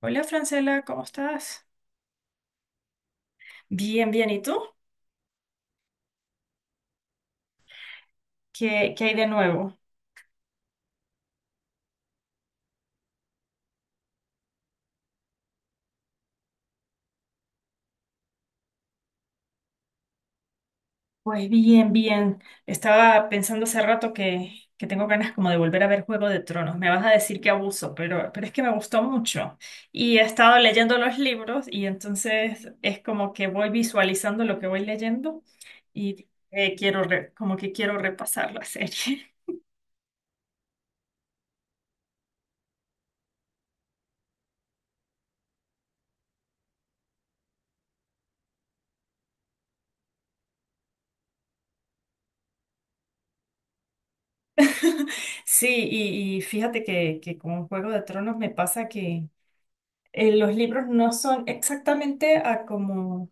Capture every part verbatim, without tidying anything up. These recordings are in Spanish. Hola Francela, ¿cómo estás? Bien, bien. ¿Y tú? ¿Qué, qué hay de nuevo? Pues bien, bien. Estaba pensando hace rato que, que tengo ganas como de volver a ver Juego de Tronos. Me vas a decir que abuso, pero, pero es que me gustó mucho. Y he estado leyendo los libros y entonces es como que voy visualizando lo que voy leyendo y eh, quiero re- como que quiero repasar la serie. Sí, y, y fíjate que, que con Juego de Tronos me pasa que eh, los libros no son exactamente a como,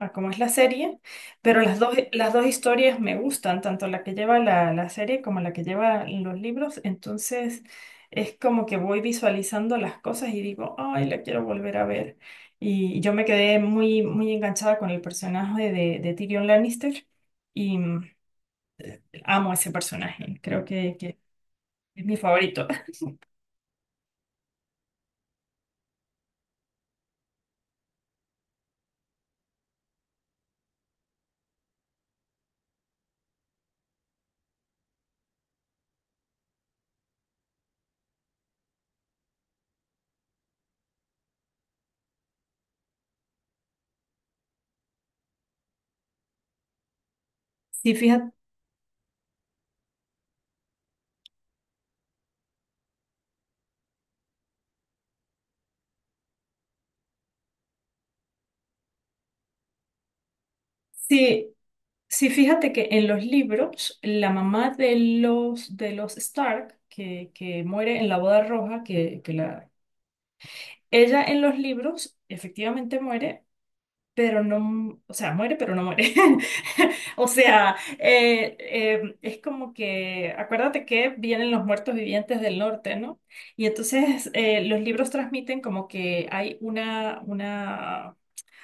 a como es la serie, pero las dos, las dos historias me gustan, tanto la que lleva la, la serie como la que lleva los libros. Entonces es como que voy visualizando las cosas y digo, ay, la quiero volver a ver. Y yo me quedé muy, muy enganchada con el personaje de, de Tyrion Lannister y mm, amo ese personaje. Creo que, que es mi favorito. Sí, fíjate. Sí, sí, fíjate que en los libros, la mamá de los, de los Stark, que, que muere en la boda roja, que, que la, ella en los libros efectivamente muere, pero no, o sea, muere, pero no muere. O sea, eh, eh, es como que, acuérdate que vienen los muertos vivientes del norte, ¿no? Y entonces eh, los libros transmiten como que hay una, una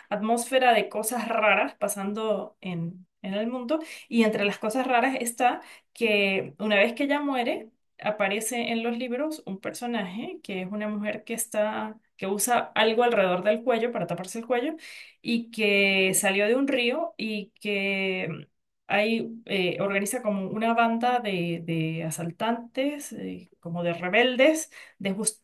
atmósfera de cosas raras pasando en, en el mundo. Y entre las cosas raras está que una vez que ella muere, aparece en los libros un personaje que es una mujer que está, que usa algo alrededor del cuello para taparse el cuello y que salió de un río y que ahí eh, organiza como una banda de, de asaltantes, eh, como de rebeldes, de jus-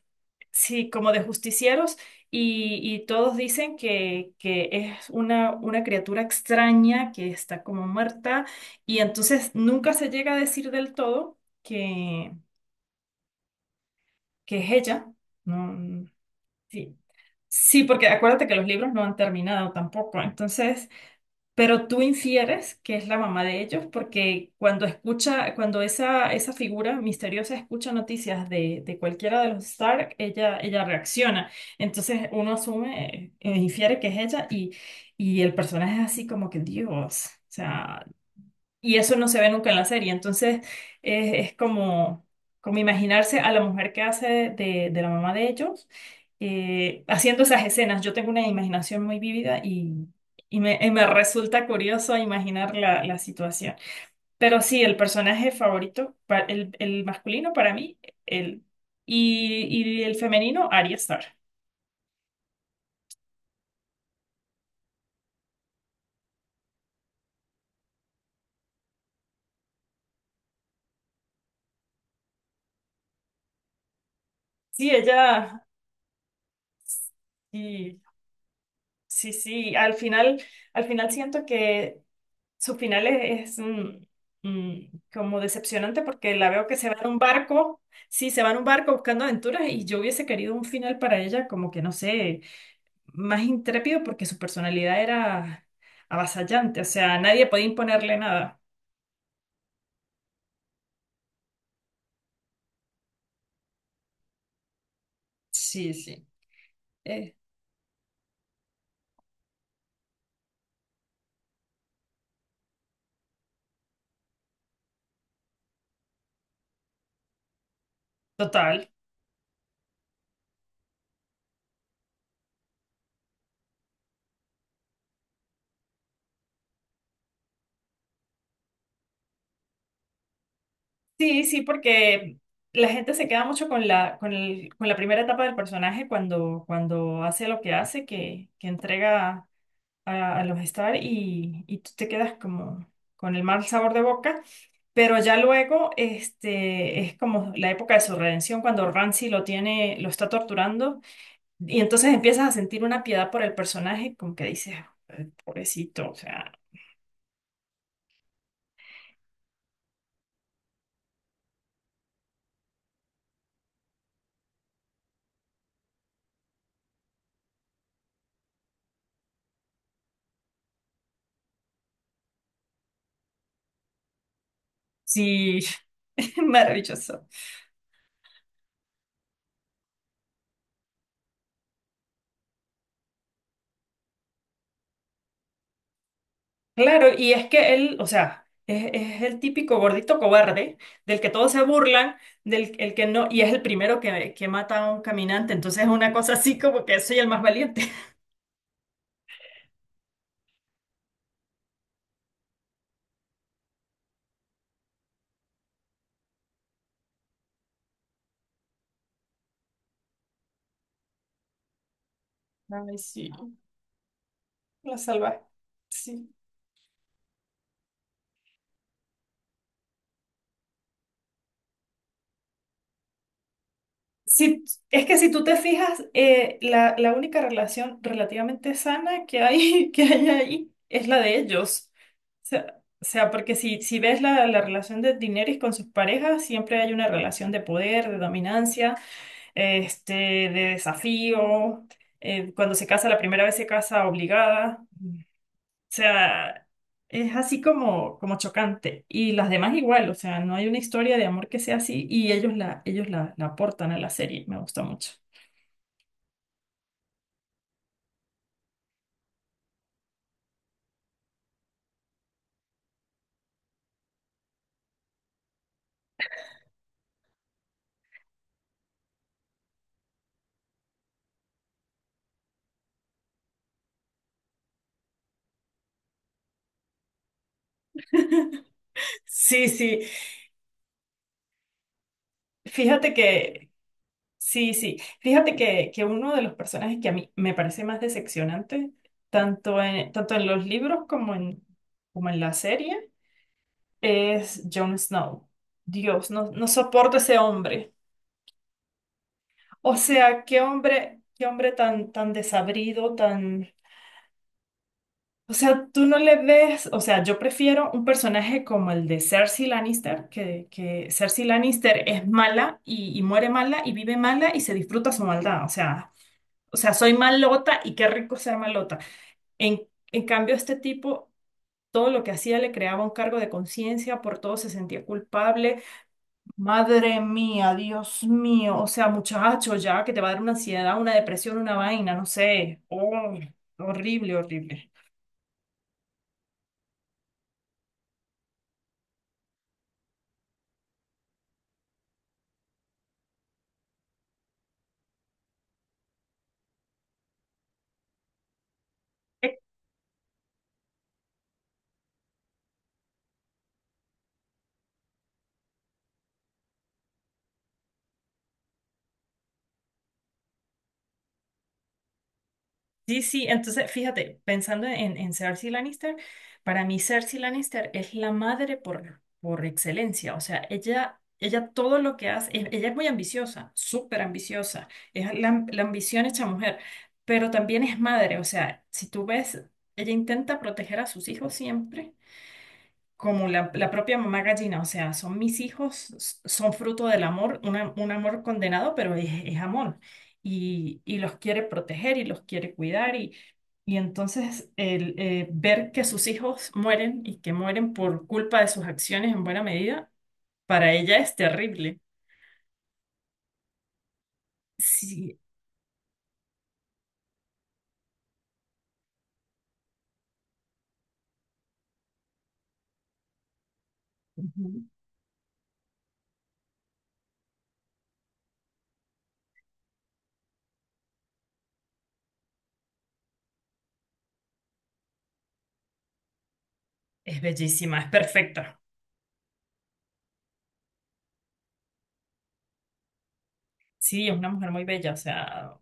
sí, como de justicieros y, y todos dicen que, que es una, una criatura extraña que está como muerta y entonces nunca se llega a decir del todo que, que es ella. No, sí. Sí, porque acuérdate que los libros no han terminado tampoco. Entonces, pero tú infieres que es la mamá de ellos porque cuando escucha, cuando esa, esa figura misteriosa escucha noticias de, de cualquiera de los Stark, ella, ella reacciona. Entonces uno asume, eh, infiere que es ella y, y el personaje es así como que Dios. O sea, y eso no se ve nunca en la serie. Entonces es, es como, como imaginarse a la mujer que hace de, de la mamá de ellos eh, haciendo esas escenas. Yo tengo una imaginación muy vívida y, y me, y me resulta curioso imaginar la, la situación. Pero sí, el personaje favorito, pa- el, el masculino para mí, el, y, y el femenino, Arya Stark. Sí, ella, y, sí, sí, al final, al final siento que su final es, es, mm, mm, como decepcionante porque la veo que se va en un barco, sí, se va en un barco buscando aventuras y yo hubiese querido un final para ella como que, no sé, más intrépido porque su personalidad era avasallante, o sea, nadie podía imponerle nada. Sí, sí. Eh, total. Sí, sí, porque la gente se queda mucho con la, con el- con la primera etapa del personaje cuando, cuando hace lo que hace, que, que entrega. A, a los estar y, y tú te quedas como con el mal sabor de boca, pero ya luego este, es como la época de su redención cuando Ramsay lo tiene, lo está torturando y entonces empiezas a sentir una piedad por el personaje, como que dices, "Ay, pobrecito, o sea, sí, maravilloso. Claro, y es que él, o sea... Es, es el típico gordito cobarde del que todos se burlan, del el que no, y es el primero que, que mata a un caminante, entonces es una cosa así como que soy el más valiente. Ay, sí, la salvaje. Sí. Si, es que si tú te fijas, eh, la, la única relación relativamente sana que hay, que hay ahí es la de ellos. O sea, o sea, porque si, si ves la, la relación de Daenerys con sus parejas, siempre hay una relación de poder, de dominancia, este, de desafío. Eh, cuando se casa la primera vez se casa obligada. O sea, es así como, como chocante. Y las demás igual, o sea, no hay una historia de amor que sea así y ellos la, ellos la, la aportan a la serie. Me gusta mucho. Sí, sí. Fíjate que, sí, sí. Fíjate que, que uno de los personajes que a mí me parece más decepcionante, tanto en, tanto en los libros como en, como en la serie, es Jon Snow. Dios, no, no soporto ese hombre. O sea, qué hombre, qué hombre tan, tan desabrido, tan... O sea, tú no le ves, o sea, yo prefiero un personaje como el de Cersei Lannister, que, que Cersei Lannister es mala y, y muere mala y vive mala y se disfruta su maldad. O sea, o sea, soy malota y qué rico ser malota. En, en cambio, este tipo, todo lo que hacía le creaba un cargo de conciencia, por todo se sentía culpable. Madre mía, Dios mío, o sea, muchacho, ya que te va a dar una ansiedad, una depresión, una vaina, no sé. Oh, horrible, horrible. Sí, sí, entonces fíjate, pensando en, en Cersei Lannister, para mí Cersei Lannister es la madre por, por excelencia, o sea, ella, ella todo lo que hace, e- ella es muy ambiciosa, súper ambiciosa, es la, am- la ambición hecha mujer, pero también es madre, o sea, si tú ves, ella intenta proteger a sus hijos siempre, como la, la propia mamá gallina, o sea, son mis hijos, s- son fruto del amor, una- un amor condenado, pero es, es amor. Y, y los quiere proteger y los quiere cuidar. Y, y entonces el eh, ver que sus hijos mueren y que mueren por culpa de sus acciones en buena medida, para ella es terrible. Sí, ujú. Es bellísima, es perfecta. Sí, es una mujer muy bella, o sea.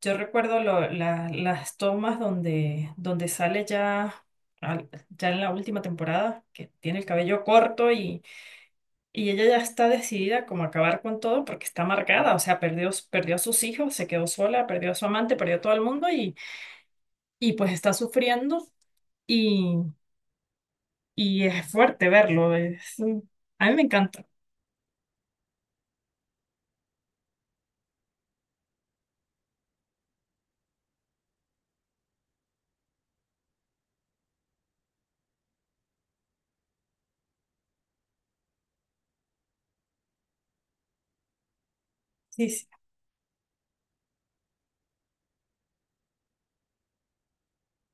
Yo recuerdo lo- la- las tomas donde, donde sale ya, al- ya en la última temporada, que tiene el cabello corto y, y ella ya está decidida como a acabar con todo porque está amargada, o sea, perdió, perdió a sus hijos, se quedó sola, perdió a su amante, perdió a todo el mundo y, y pues está sufriendo y, y es fuerte verlo. Es, a mí me encanta. Sí, sí,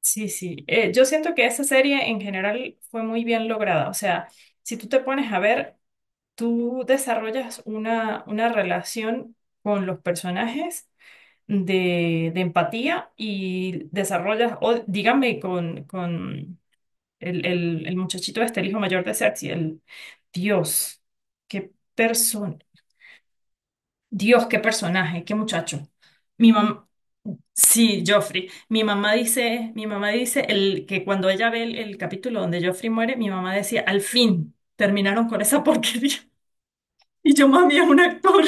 sí. Sí. Eh, yo siento que esa serie en general fue muy bien lograda, o sea, si tú te pones a ver... Tú desarrollas una, una relación con los personajes de, de empatía y desarrollas, o dígame, con, con el, el, el muchachito este, el hijo mayor de Cersei, el Dios, qué persona, Dios, qué personaje, qué muchacho. Mi mamá, sí, Joffrey. Mi mamá dice, mi mamá dice el, que cuando ella ve el, el capítulo donde Joffrey muere, mi mamá decía, al fin, terminaron con esa porquería. Y yo, mami, es un actor.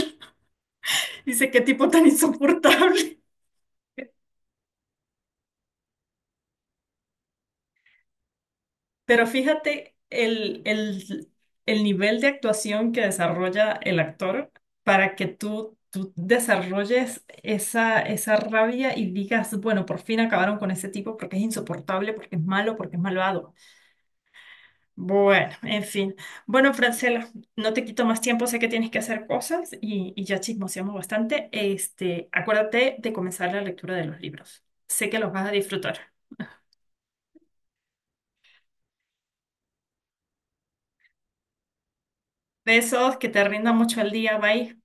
Dice, qué tipo tan insoportable. Pero fíjate el, el, el nivel de actuación que desarrolla el actor para que tú, tú desarrolles esa, esa rabia y digas, bueno, por fin acabaron con ese tipo porque es insoportable, porque es malo, porque es malvado. Bueno, en fin. Bueno, Francela, no te quito más tiempo, sé que tienes que hacer cosas y, y ya chismoseamos bastante. Este, acuérdate de comenzar la lectura de los libros. Sé que los vas a disfrutar. Besos, que te rinda mucho el día, bye.